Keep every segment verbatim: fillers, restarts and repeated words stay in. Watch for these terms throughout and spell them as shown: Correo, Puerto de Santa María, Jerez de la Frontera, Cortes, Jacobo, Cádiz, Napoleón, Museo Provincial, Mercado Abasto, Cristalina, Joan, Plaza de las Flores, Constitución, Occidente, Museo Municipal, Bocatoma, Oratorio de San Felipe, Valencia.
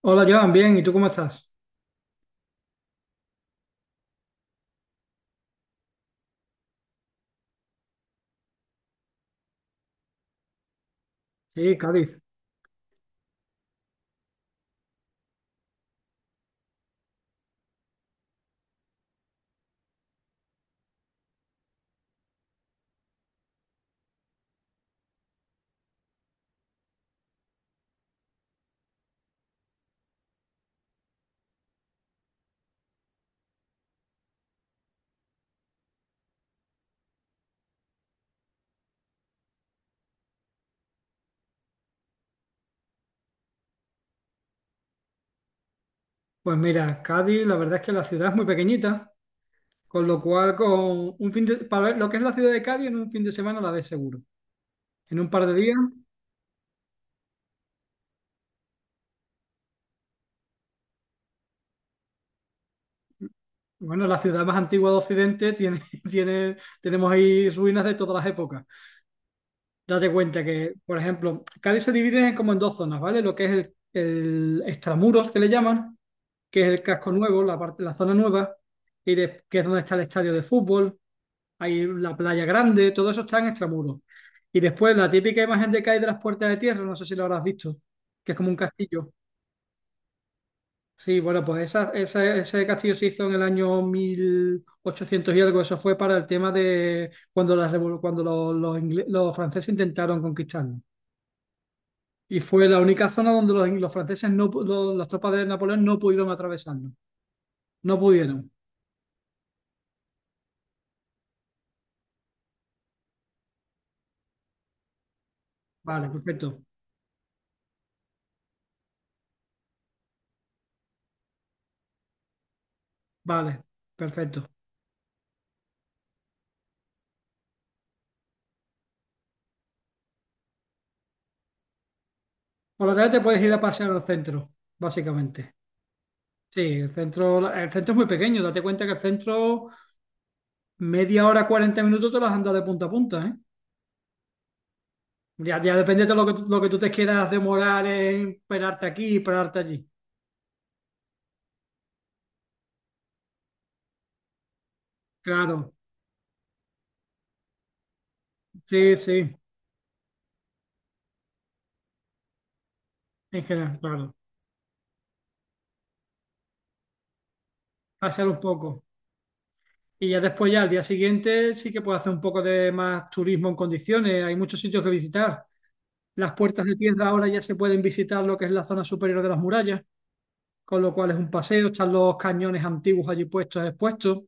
Hola, Joan, bien, ¿y tú cómo estás? Sí, Cádiz. Pues mira, Cádiz, la verdad es que la ciudad es muy pequeñita, con lo cual con un fin de, para ver lo que es la ciudad de Cádiz en un fin de semana la ves seguro. En un par de días, bueno, la ciudad más antigua de Occidente tiene, tiene, tenemos ahí ruinas de todas las épocas. Date cuenta que, por ejemplo, Cádiz se divide en- como en dos zonas, ¿vale? Lo que es el, el extramuros que le llaman, que es el casco nuevo, la parte, la zona nueva, y de- que es donde está el estadio de fútbol, hay la playa grande, todo eso está en extramuros. Y después la típica imagen de que hay de las puertas de tierra, no sé si lo habrás visto, que es como un castillo. Sí, bueno, pues esa, esa- ese castillo se hizo en el año mil ochocientos y algo. Eso fue para el tema de cuando, la revol- cuando los, los ingle- los franceses intentaron conquistarnos. Y fue la única zona donde los, los franceses, no, pu- los- las tropas de Napoleón no pudieron atravesarnos. No pudieron. Vale, perfecto. Vale, perfecto. Por la tarde te puedes ir a pasear al centro, básicamente. Sí, el centro, el centro es muy pequeño. Date cuenta que el centro, media hora, cuarenta minutos, te las han dado de punta a punta, ¿eh? Ya, ya depende de lo que, tú- lo que tú te quieras demorar en esperarte aquí y esperarte allí. Claro, sí, sí, en general, claro. Pasear un poco. Y ya después, ya al día siguiente, sí que puedes hacer un poco de más turismo en condiciones. Hay muchos sitios que visitar. Las puertas de piedra ahora ya se pueden visitar lo que es la zona superior de las murallas, con lo cual es un paseo. Están los cañones antiguos allí puestos, expuestos.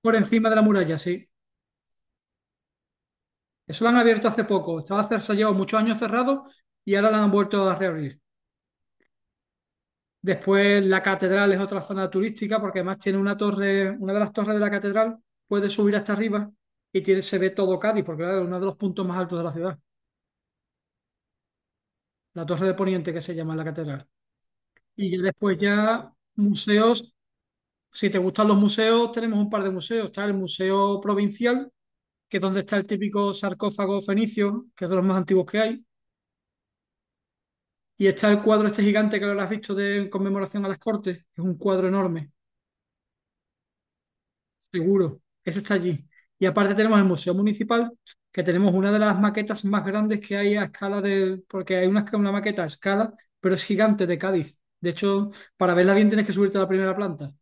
Por encima de la muralla, sí. Eso lo han abierto hace poco. Estaba cerrado, llevado muchos años cerrado, y ahora lo han vuelto a reabrir. Después la catedral es otra zona turística porque además tiene una torre, una de las torres de la catedral, puede subir hasta arriba y tiene, se ve todo Cádiz porque claro, es uno de los puntos más altos de la ciudad. La torre de Poniente que se llama la catedral. Y ya después ya museos, si te gustan los museos, tenemos un par de museos. Está el Museo Provincial, que es donde está el típico sarcófago fenicio, que es de los más antiguos que hay. Y está el cuadro este gigante que lo has visto de en conmemoración a las Cortes, que es un cuadro enorme, seguro. Ese está allí. Y aparte tenemos el Museo Municipal, que tenemos una de las maquetas más grandes que hay a escala del, porque hay una, una maqueta a escala, pero es gigante de Cádiz. De hecho, para verla bien tienes que subirte a la primera planta,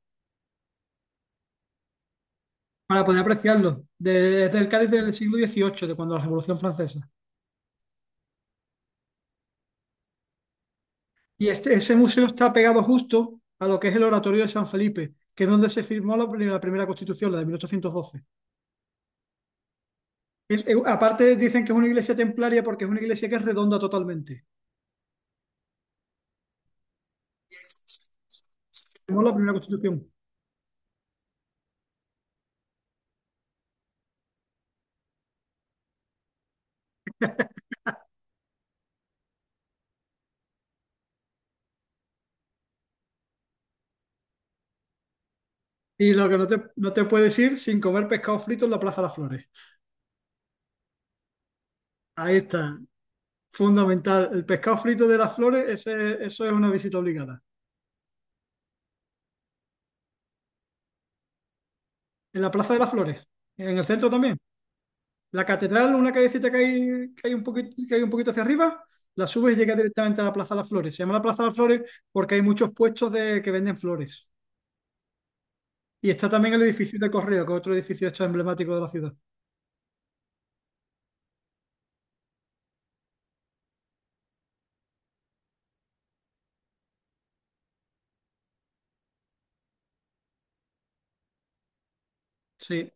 para poder apreciarlo. De- es del Cádiz del siglo dieciocho, de cuando la Revolución Francesa. Y este, ese museo está pegado justo a lo que es el Oratorio de San Felipe, que es donde se firmó la, pri- la primera Constitución, la de mil ochocientos doce. Es- eh, aparte dicen que es una iglesia templaria porque es una iglesia que es redonda totalmente. Tenemos la primera constitución. Y lo que no te, no te puedes ir sin comer pescado frito en la Plaza de las Flores. Ahí está, fundamental. El pescado frito de las Flores, ese- eso es una visita obligada. En la Plaza de las Flores, en el centro también. La catedral, una callecita que hay, que hay un poquito, que hay un poquito hacia arriba, la subes y llegas directamente a la Plaza de las Flores. Se llama la Plaza de las Flores porque hay muchos puestos de, que venden flores. Y está también el edificio de Correo, que es otro edificio hecho emblemático de la ciudad. Sí.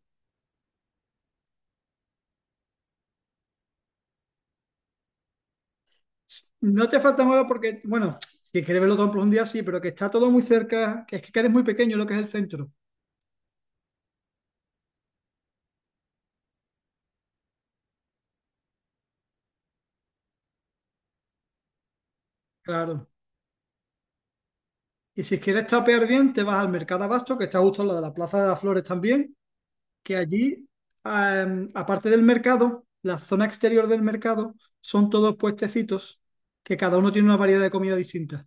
No te falta ahora porque, bueno, si quieres verlo todo en profundidad, sí, pero que está todo muy cerca, que es que quedes muy pequeño lo que es el centro, claro. Y si quieres tapear bien, te vas al Mercado Abasto, que está justo al lado de la Plaza de las Flores también, que allí, eh, aparte del mercado, la zona exterior del mercado son todos puestecitos que cada uno tiene una variedad de comida distinta.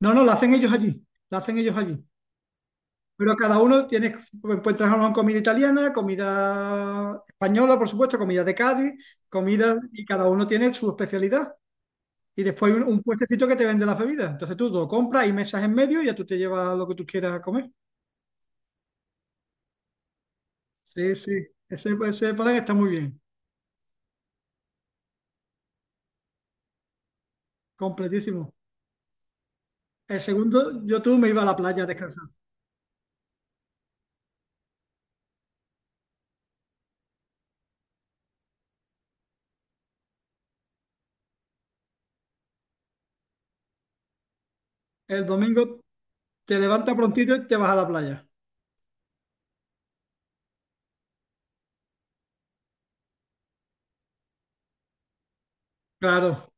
No, no, la hacen ellos allí, la hacen ellos allí. Pero cada uno tiene, pues, puede trabajar con comida italiana, comida española, por supuesto, comida de Cádiz, comida, y cada uno tiene su especialidad. Y después un, un puestecito que te vende las bebidas. Entonces tú lo compras y mesas en medio y ya tú te llevas lo que tú quieras a comer. Sí, sí, ese, ese plan está muy bien, completísimo. El segundo, yo tú me iba a la playa a descansar. El domingo te levantas prontito y te vas a la playa. Claro,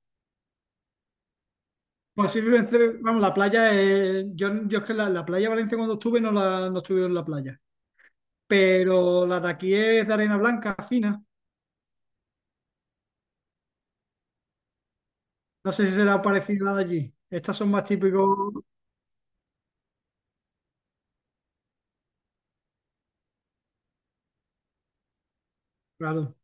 posiblemente, vamos, la playa, eh, yo, yo es que la, la playa de Valencia cuando estuve no, la, no estuve en la playa, pero la de aquí es de arena blanca fina. No sé si será parecida a la de allí. Estas son más típicos, claro.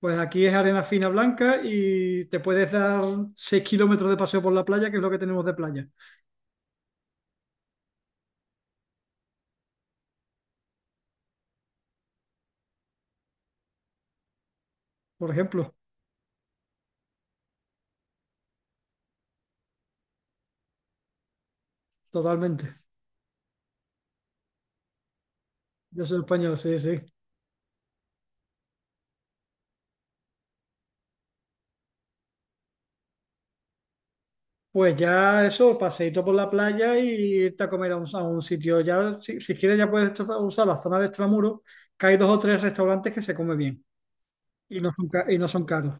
Pues aquí es arena fina blanca y te puedes dar seis kilómetros de paseo por la playa, que es lo que tenemos de playa, por ejemplo, totalmente. Yo soy español, sí, sí. Pues ya eso, paseíto por la playa y irte a comer a un, a un sitio. Ya, si, si quieres, ya puedes tra- usar la zona de extramuros, que hay dos o tres restaurantes que se come bien y no son, ca- y no son caros.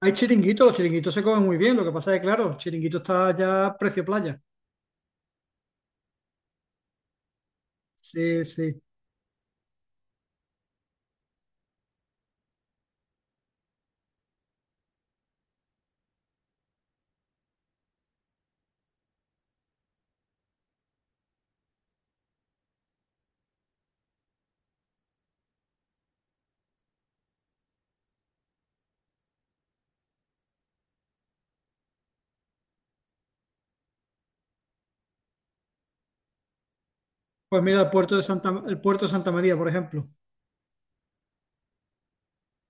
Hay chiringuitos, los chiringuitos se comen muy bien, lo que pasa es que, claro, chiringuito está ya precio playa. Sí, sí. Pues mira, el puerto de Santa, el puerto de Santa María, por ejemplo.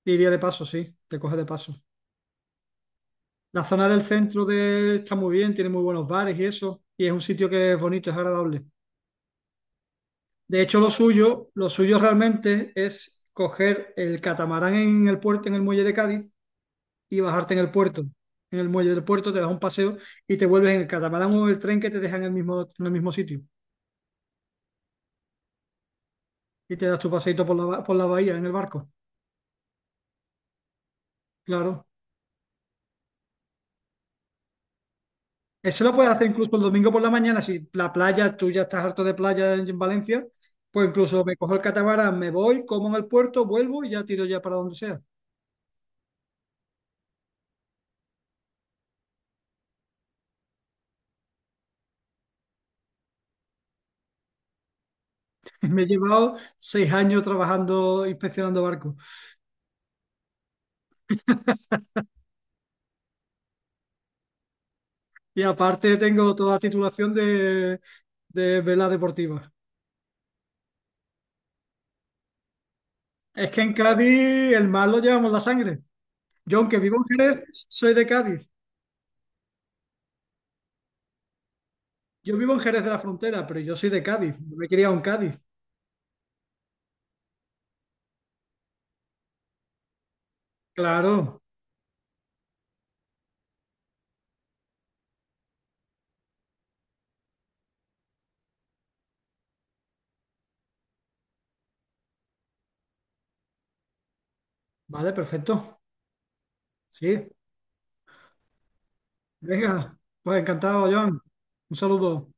Te iría de paso, sí, te coge de paso. La zona del centro de, está muy bien, tiene muy buenos bares y eso, y es un sitio que es bonito, es agradable. De hecho, lo suyo, lo suyo realmente es coger el catamarán en el puerto, en el muelle de Cádiz, y bajarte en el puerto. En el muelle del puerto te das un paseo y te vuelves en el catamarán o en el tren que te deja en el mismo, en el mismo sitio. Y te das tu paseito por la, por la bahía en el barco. Claro. Eso lo puedes hacer incluso el domingo por la mañana. Si la playa, tú ya estás harto de playa en, en Valencia, pues incluso me cojo el catamarán, me voy, como en el puerto, vuelvo y ya tiro ya para donde sea. Me he llevado seis años trabajando, inspeccionando barcos. Y aparte tengo toda la titulación de, de vela deportiva. Es que en Cádiz el mar lo llevamos la sangre. Yo, aunque vivo en Jerez, soy de Cádiz. Yo vivo en Jerez de la Frontera, pero yo soy de Cádiz. Yo me he criado en Cádiz. Claro. Vale, perfecto. Sí, venga. Pues encantado, Joan. Un saludo.